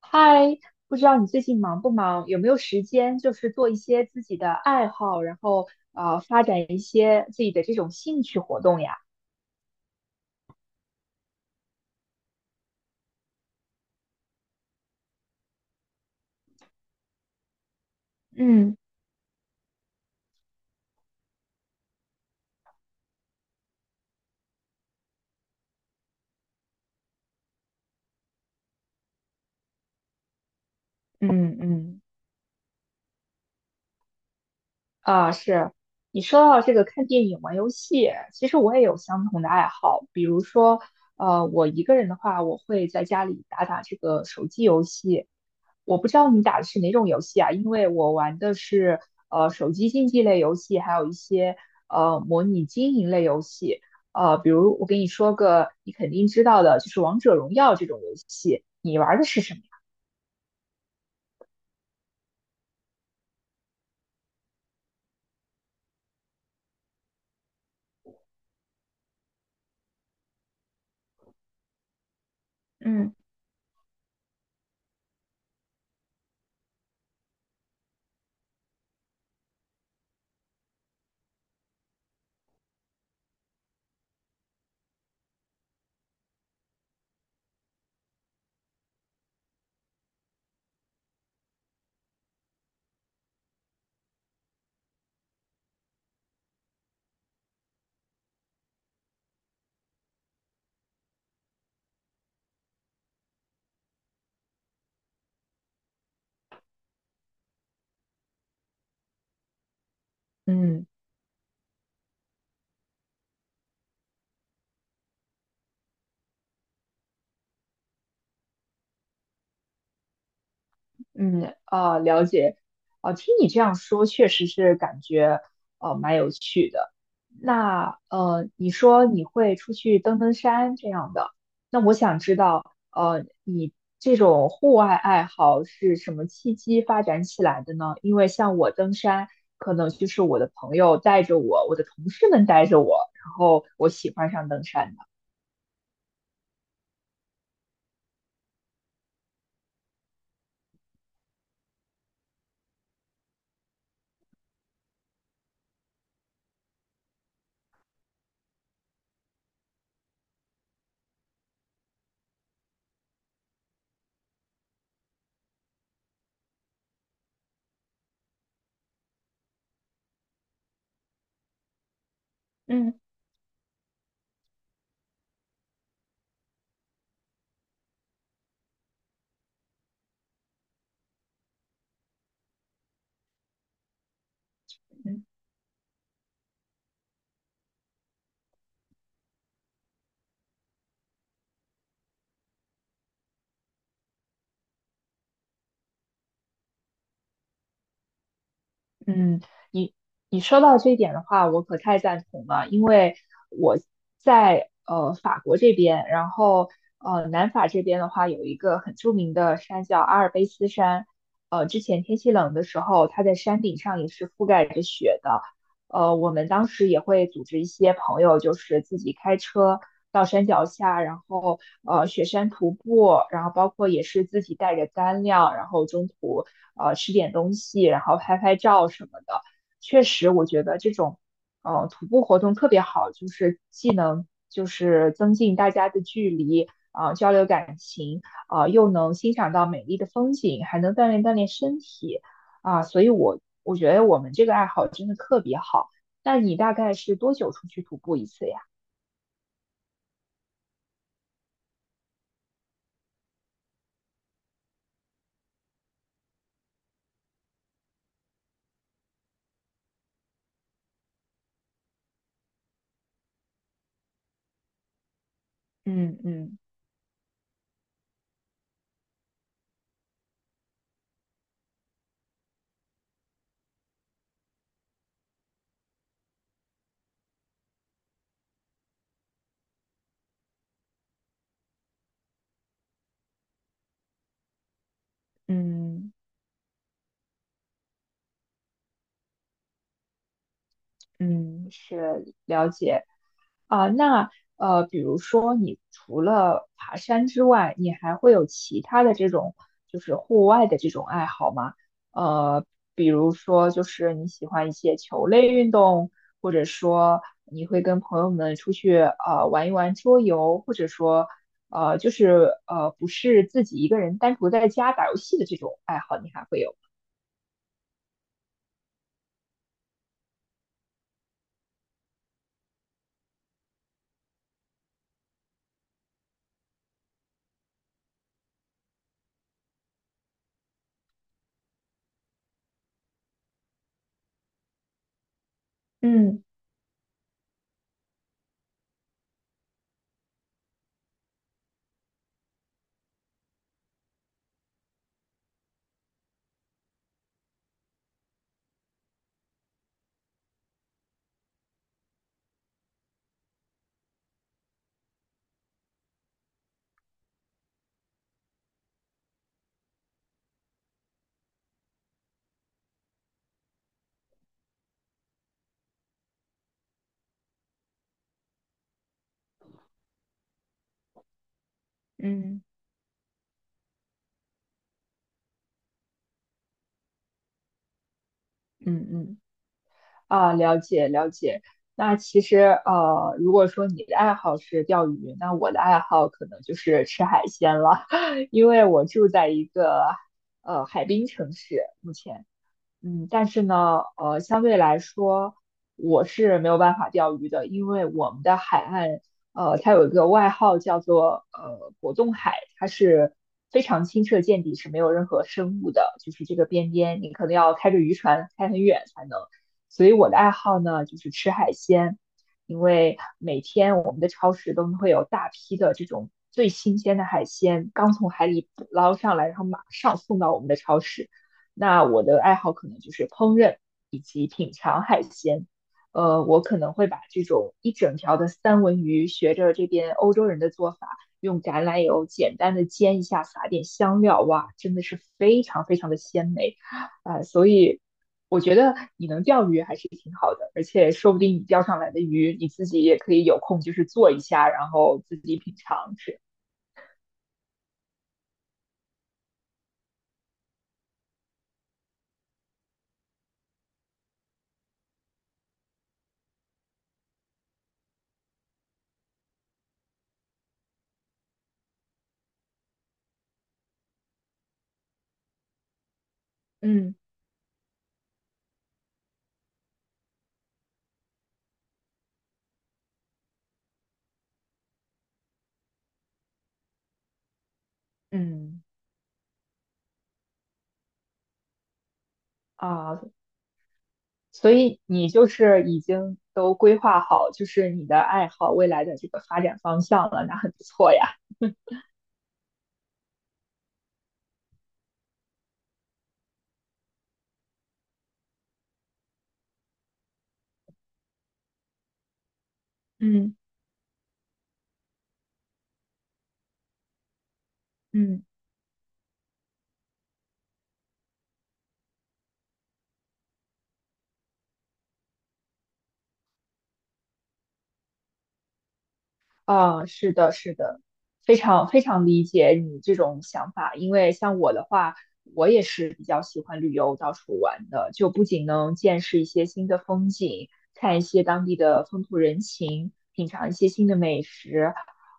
嗨，不知道你最近忙不忙，有没有时间，就是做一些自己的爱好，然后发展一些自己的这种兴趣活动呀？嗯嗯嗯，啊，是你说到这个看电影、玩游戏，其实我也有相同的爱好。比如说，我一个人的话，我会在家里打打这个手机游戏。我不知道你打的是哪种游戏啊？因为我玩的是手机竞技类游戏，还有一些模拟经营类游戏。比如我给你说个你肯定知道的，就是《王者荣耀》这种游戏，你玩的是什么呀？嗯。嗯。嗯啊，了解。哦，听你这样说，确实是感觉哦蛮有趣的。那你说你会出去登山这样的，那我想知道，你这种户外爱好是什么契机发展起来的呢？因为像我登山，可能就是我的朋友带着我，我的同事们带着我，然后我喜欢上登山的。嗯。嗯，你你说到这一点的话，我可太赞同了，因为我在法国这边，然后南法这边的话，有一个很著名的山叫阿尔卑斯山，之前天气冷的时候，它在山顶上也是覆盖着雪的。我们当时也会组织一些朋友，就是自己开车到山脚下，然后雪山徒步，然后包括也是自己带着干粮，然后中途吃点东西，然后拍拍照什么的。确实，我觉得这种徒步活动特别好，就是既能就是增进大家的距离啊、交流感情啊、又能欣赏到美丽的风景，还能锻炼锻炼身体。啊，所以我觉得我们这个爱好真的特别好。那你大概是多久出去徒步一次呀？嗯嗯嗯嗯，啊，那比如说你除了爬山之外，你还会有其他的这种就是户外的这种爱好吗？呃，比如说就是你喜欢一些球类运动，或者说你会跟朋友们出去玩一玩桌游，或者说不是自己一个人单独在家打游戏的这种爱好，你还会有吗？嗯嗯。嗯嗯。啊，了解了解。那其实如果说你的爱好是钓鱼，那我的爱好可能就是吃海鲜了，因为我住在一个海滨城市，目前。嗯，但是呢，相对来说，我是没有办法钓鱼的，因为我们的海岸，它有一个外号叫做果冻海，它是非常清澈见底，是没有任何生物的，就是这个边边你可能要开着渔船开很远才能。所以我的爱好呢，就是吃海鲜，因为每天我们的超市都会有大批的这种最新鲜的海鲜，刚从海里捕捞上来，然后马上送到我们的超市。那我的爱好可能就是烹饪以及品尝海鲜。我可能会把这种一整条的三文鱼，学着这边欧洲人的做法，用橄榄油简单的煎一下，撒点香料，哇，真的是非常非常的鲜美啊，所以我觉得你能钓鱼还是挺好的，而且说不定你钓上来的鱼，你自己也可以有空就是做一下，然后自己品尝吃。嗯嗯啊，所以你就是已经都规划好，就是你的爱好未来的这个发展方向了，那很不错呀。嗯嗯。啊，是的，是的，非常非常理解你这种想法，因为像我的话，我也是比较喜欢旅游到处玩的，就不仅能见识一些新的风景，看一些当地的风土人情，品尝一些新的美食，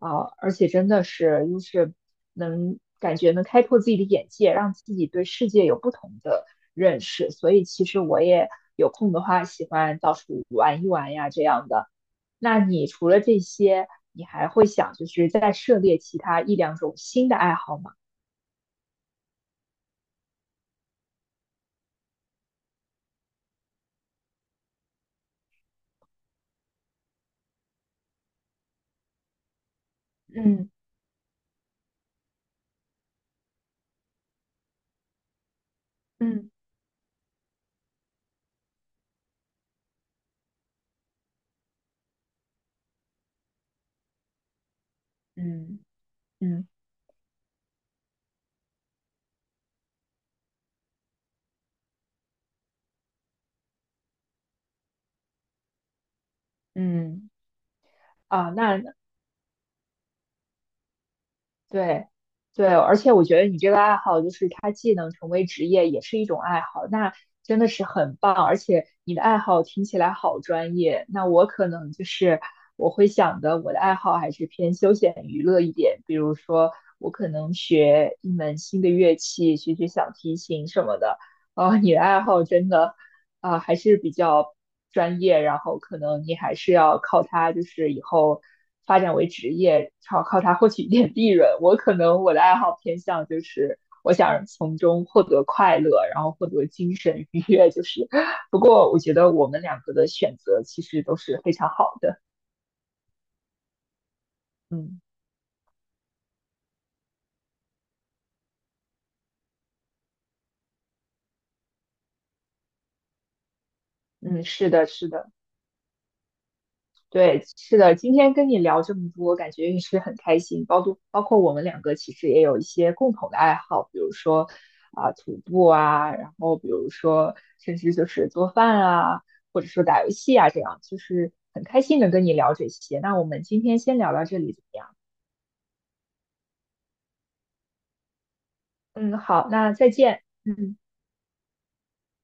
啊，而且真的是就是能感觉能开拓自己的眼界，让自己对世界有不同的认识，所以其实我也有空的话，喜欢到处玩一玩呀，这样的。那你除了这些，你还会想就是再涉猎其他一两种新的爱好吗？嗯嗯嗯嗯嗯啊，那对，对，而且我觉得你这个爱好，就是它既能成为职业，也是一种爱好，那真的是很棒。而且你的爱好听起来好专业，那我可能就是我会想的，我的爱好还是偏休闲娱乐一点，比如说我可能学一门新的乐器，学学小提琴什么的。哦，你的爱好真的。啊、还是比较专业，然后可能你还是要靠它，就是以后发展为职业，靠它获取一点利润。我可能我的爱好偏向就是我想从中获得快乐，然后获得精神愉悦，就是。不过我觉得我们两个的选择其实都是非常好的。嗯嗯，是的，是的。对，是的，今天跟你聊这么多，感觉也是很开心。包括我们两个其实也有一些共同的爱好，比如说啊、徒步啊，然后比如说甚至就是做饭啊，或者说打游戏啊，这样就是很开心能跟你聊这些。那我们今天先聊到这里怎么样？嗯，好，那再见。嗯。